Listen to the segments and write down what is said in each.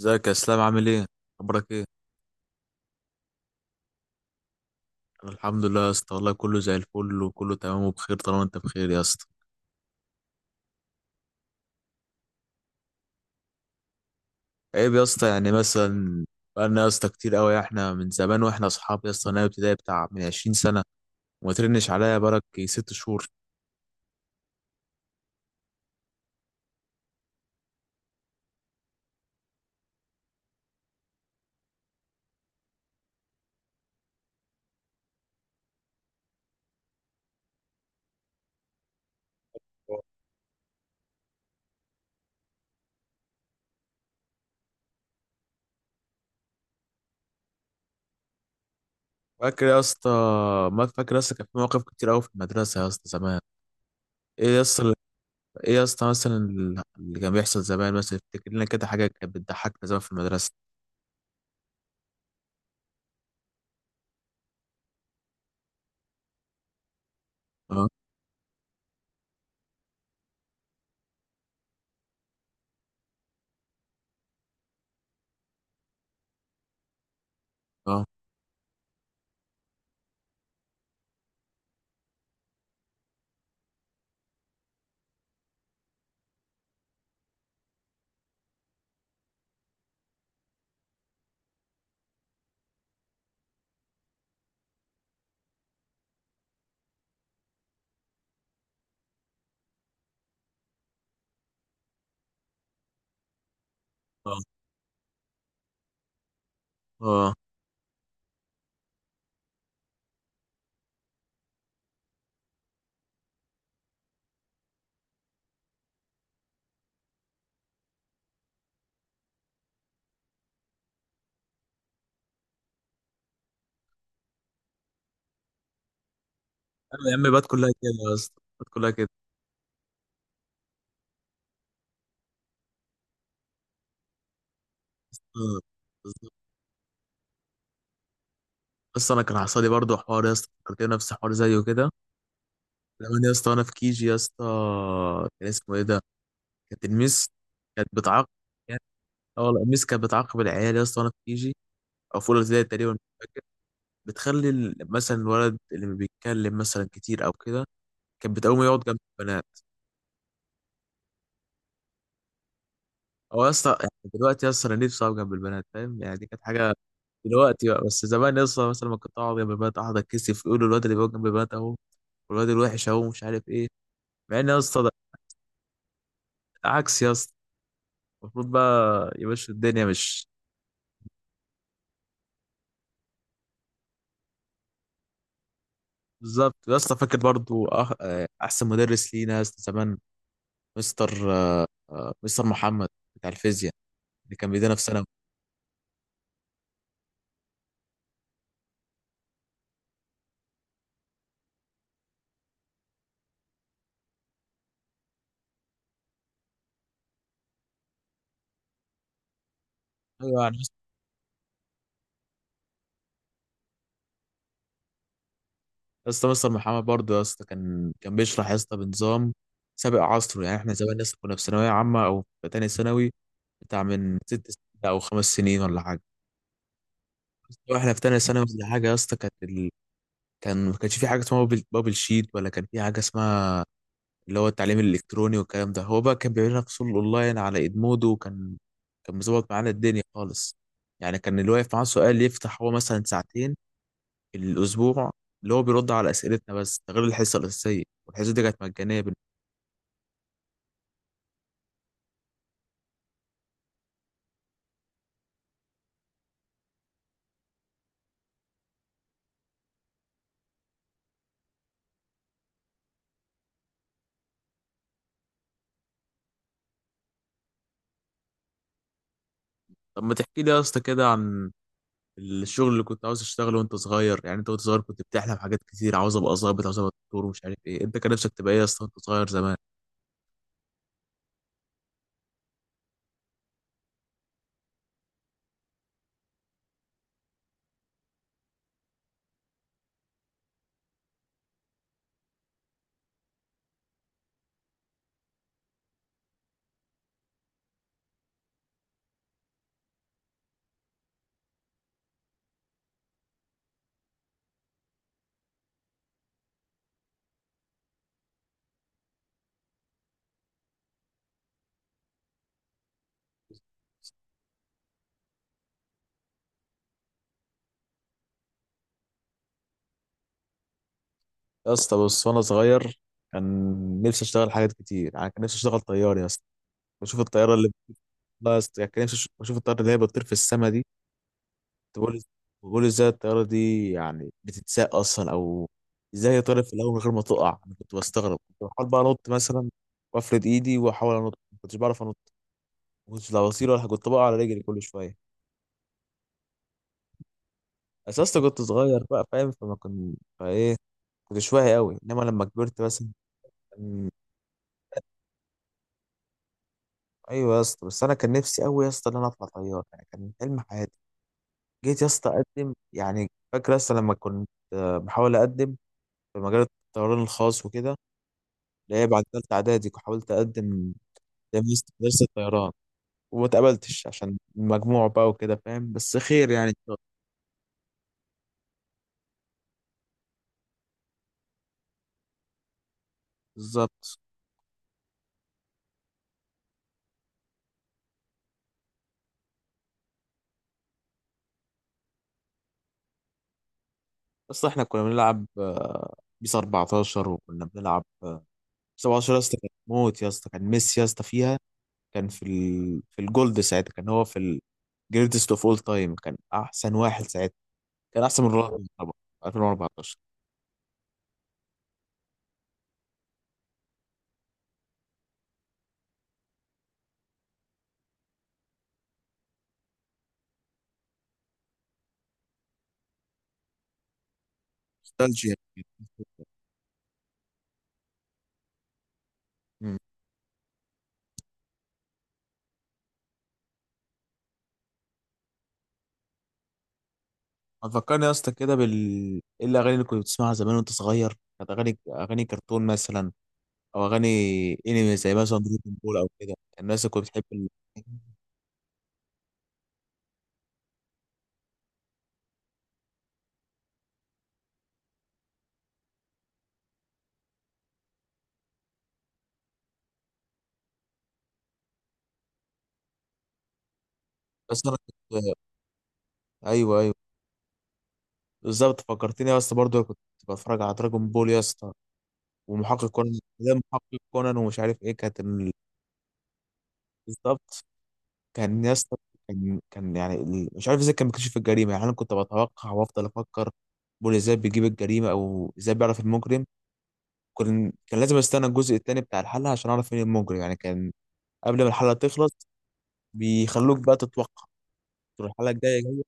ازيك يا اسلام، عامل ايه؟ اخبارك ايه؟ أنا الحمد لله يا اسطى، والله كله زي الفل وكله تمام وبخير طالما انت بخير يا اسطى. عيب يا اسطى، يعني مثلا بقالنا يا اسطى كتير قوي، احنا من زمان واحنا اصحاب يا اسطى من أيام ابتدائي بتاع من 20 سنه، وما ترنش عليا بقالك ست شهور. فاكر يا اسطى؟ ما فاكر يا اسطى كان في مواقف كتير قوي في المدرسه يا اسطى زمان؟ ايه يا اسطى؟ ايه يا اسطى مثلا اللي كان بيحصل زمان؟ مثلا افتكر لنا كده حاجه كانت بتضحكنا زمان في المدرسه. اه، اه، اه، اه، ايام بات كلها كده يا اسطى، بات كلها كده. آه، بالظبط. بس انا كان حصل لي برضه حوار يا اسطى، فكرتني نفس حوار زيه كده زمان يا اسطى، وانا في كيجي يا اسطى. كان اسمه ايه ده؟ كانت الميس كانت بتعاقب، يعني اه والله الميس كانت بتعاقب العيال يا اسطى وانا في كيجي، او في اولى ابتدائي تقريبا، مش فاكر. بتخلي مثلا الولد اللي ما بيتكلم مثلا كتير او كده كانت بتقوم يقعد جنب البنات. او يا اسطى يعني دلوقتي يا اسطى انا نفسي اقعد جنب البنات، فاهم يعني؟ دي كانت حاجه دلوقتي بقى، بس زمان يا اسطى مثلا ما كنت اقعد جنب البنات، اقعد اتكسف، يقولوا الواد اللي بيقعد جنب البنات اهو، والواد الوحش اهو مش عارف ايه. مع ان يا اسطى ده عكس يا اسطى، المفروض بقى يا باشا الدنيا مش... بالظبط يا اسطى. فاكر برضو أح... آه، احسن مدرس لينا يا اسطى زمان؟ مستر مستر محمد بتاع الفيزياء اللي كان بيدينا في ثانوي. ايوه يعني يا اسطى، مستر محمد برضو يا اسطى كان بيشرح يا اسطى بنظام سابق عصره. يعني احنا زمان يا اسطى كنا في ثانويه عامه او في تانية ثانوي بتاع من ست سنين او خمس سنين ولا حاجه. واحنا في تانية ثانوي ولا حاجه يا اسطى كان ما كانش في حاجه اسمها بابل, شيت، ولا كان في حاجه اسمها اللي هو التعليم الإلكتروني والكلام ده. هو بقى كان بيعمل لنا فصول أونلاين على إدمودو، وكان مظبط معانا الدنيا خالص. يعني كان اللي واقف معاه سؤال يفتح هو مثلا ساعتين في الأسبوع اللي هو بيرد على أسئلتنا، بس ده غير الحصة الأساسية، والحصة دي كانت مجانية طب ما تحكي لي يا اسطى كده عن الشغل اللي كنت عاوز تشتغله وأنت صغير؟ يعني أنت وأنت صغير كنت بتحلم حاجات كتير، عاوز أبقى ظابط، عاوز أبقى دكتور، ومش عارف إيه. أنت كان نفسك تبقى إيه يا اسطى وأنت صغير زمان؟ يا اسطى بص، وأنا صغير كان نفسي أشتغل حاجات كتير. يعني كان نفسي أشتغل طيار يا اسطى، بشوف الطياره اللي... والله يا اسطى يعني كان نفسي اشوف الطياره اللي هي بتطير في السما دي. بقول، بقول ازاي الطياره دي يعني بتتساق اصلا، او ازاي هي طارت في الاول من غير ما تقع. انا كنت بستغرب، كنت بحاول بقى انط مثلا وافرد ايدي واحاول انط، ما كنتش بعرف انط. ما كنتش لا بطير ولا كنت بقع على رجلي كل شويه. اساسا كنت صغير بقى، فاهم؟ فما كنت فايه، كنتش واعي قوي، انما لما كبرت مثلا كان- ايوه يا اسطى، بس انا كان نفسي قوي يا اسطى ان انا اطلع طيار، يعني كان حلم حياتي. جيت يا اسطى اقدم، يعني فاكر يا اسطى لما كنت بحاول اقدم في مجال الطيران الخاص وكده. اللي هي بعد تالتة إعدادي حاولت أقدم مدرسة الطيران، وما اتقبلتش عشان المجموع بقى وكده فاهم، بس خير يعني إن شاء الله. بالظبط. بس إحنا كنا بنلعب بيس 14، وكنا بنلعب 17، يا اسطى كان موت يا اسطى، كان ميسي يا اسطى فيها. في الجولد ساعتها، كان هو في الجريتست اوف اول تايم، كان أحسن واحد ساعتها، كان أحسن من رونالدو طبعا. 2014، نوستالجيا. هتفكرني يا اسطى كده ايه الاغاني اللي كنت بتسمعها زمان وانت صغير؟ كانت اغاني، اغاني كرتون مثلا، او اغاني انمي زي مثلا دراجون بول او كده؟ الناس اللي كنت بتحب بس انا كنت... ايوه ايوه، بالظبط. فكرتني يا اسطى برضه كنت بتفرج على دراجون بول يا اسطى، ومحقق كونان ده، محقق كونان ومش عارف ايه كانت بالظبط. كان يا اسطى، كان يعني مش عارف ازاي كان بيكتشف الجريمه. يعني انا كنت بتوقع وافضل افكر بول ازاي بيجيب الجريمه او ازاي بيعرف المجرم. كان لازم استنى الجزء التاني بتاع الحلقة عشان اعرف مين المجرم، يعني كان قبل ما الحلقة تخلص بيخلوك بقى تتوقع، تقول الحلقة الجاية جاية.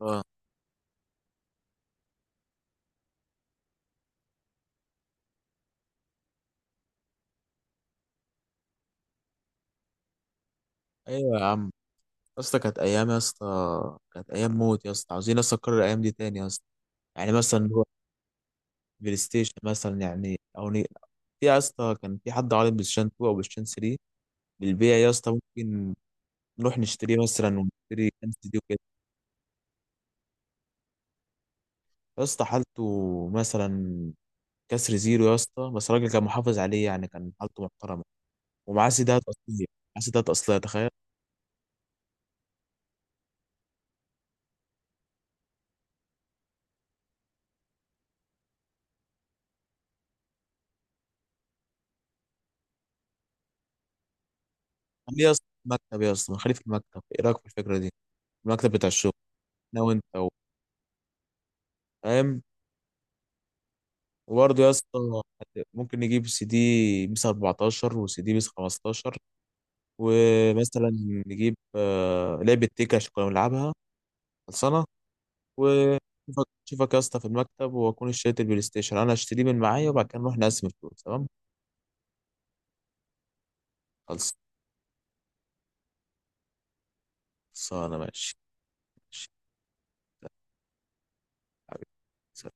اه ايوه يا عم، يا اسطى كانت ايام يا اسطى، كانت ايام موت يا اسطى، عاوزين اصلا نكرر الايام دي تاني يا اسطى. يعني مثلا هو بلاي ستيشن مثلا يعني او في يا اسطى كان في حد عارض بلاي ستيشن 2 او بلاي ستيشن 3 للبيع يا اسطى، ممكن نروح نشتريه مثلا ونشتري كام سي دي وكده؟ يا اسطى حالته مثلا كسر زيرو يا اسطى، بس الراجل كان محافظ عليه، يعني كان حالته محترمة. ومعاه سيدات اصليه، معاه سيدات اصليه، تخيل! خليه يا اسطى في المكتب يا اسطى، خليه في المكتب، ايه رايك في الفكره دي؟ المكتب بتاع الشغل، انا وانت فاهم؟ وبرضه يا اسطى ممكن نجيب سي دي بيس 14 وسي دي بيس 15، ومثلا نجيب لعبه تيكا عشان كنا بنلعبها، خلصانه. وشوفك شوفك يا اسطى في المكتب، واكون اشتريت البلاي ستيشن، انا اشتريه من معايا وبعد كده نروح نقسم الفلوس، تمام؟ خلص، خلصانه، ماشي، ماشي حبيبي.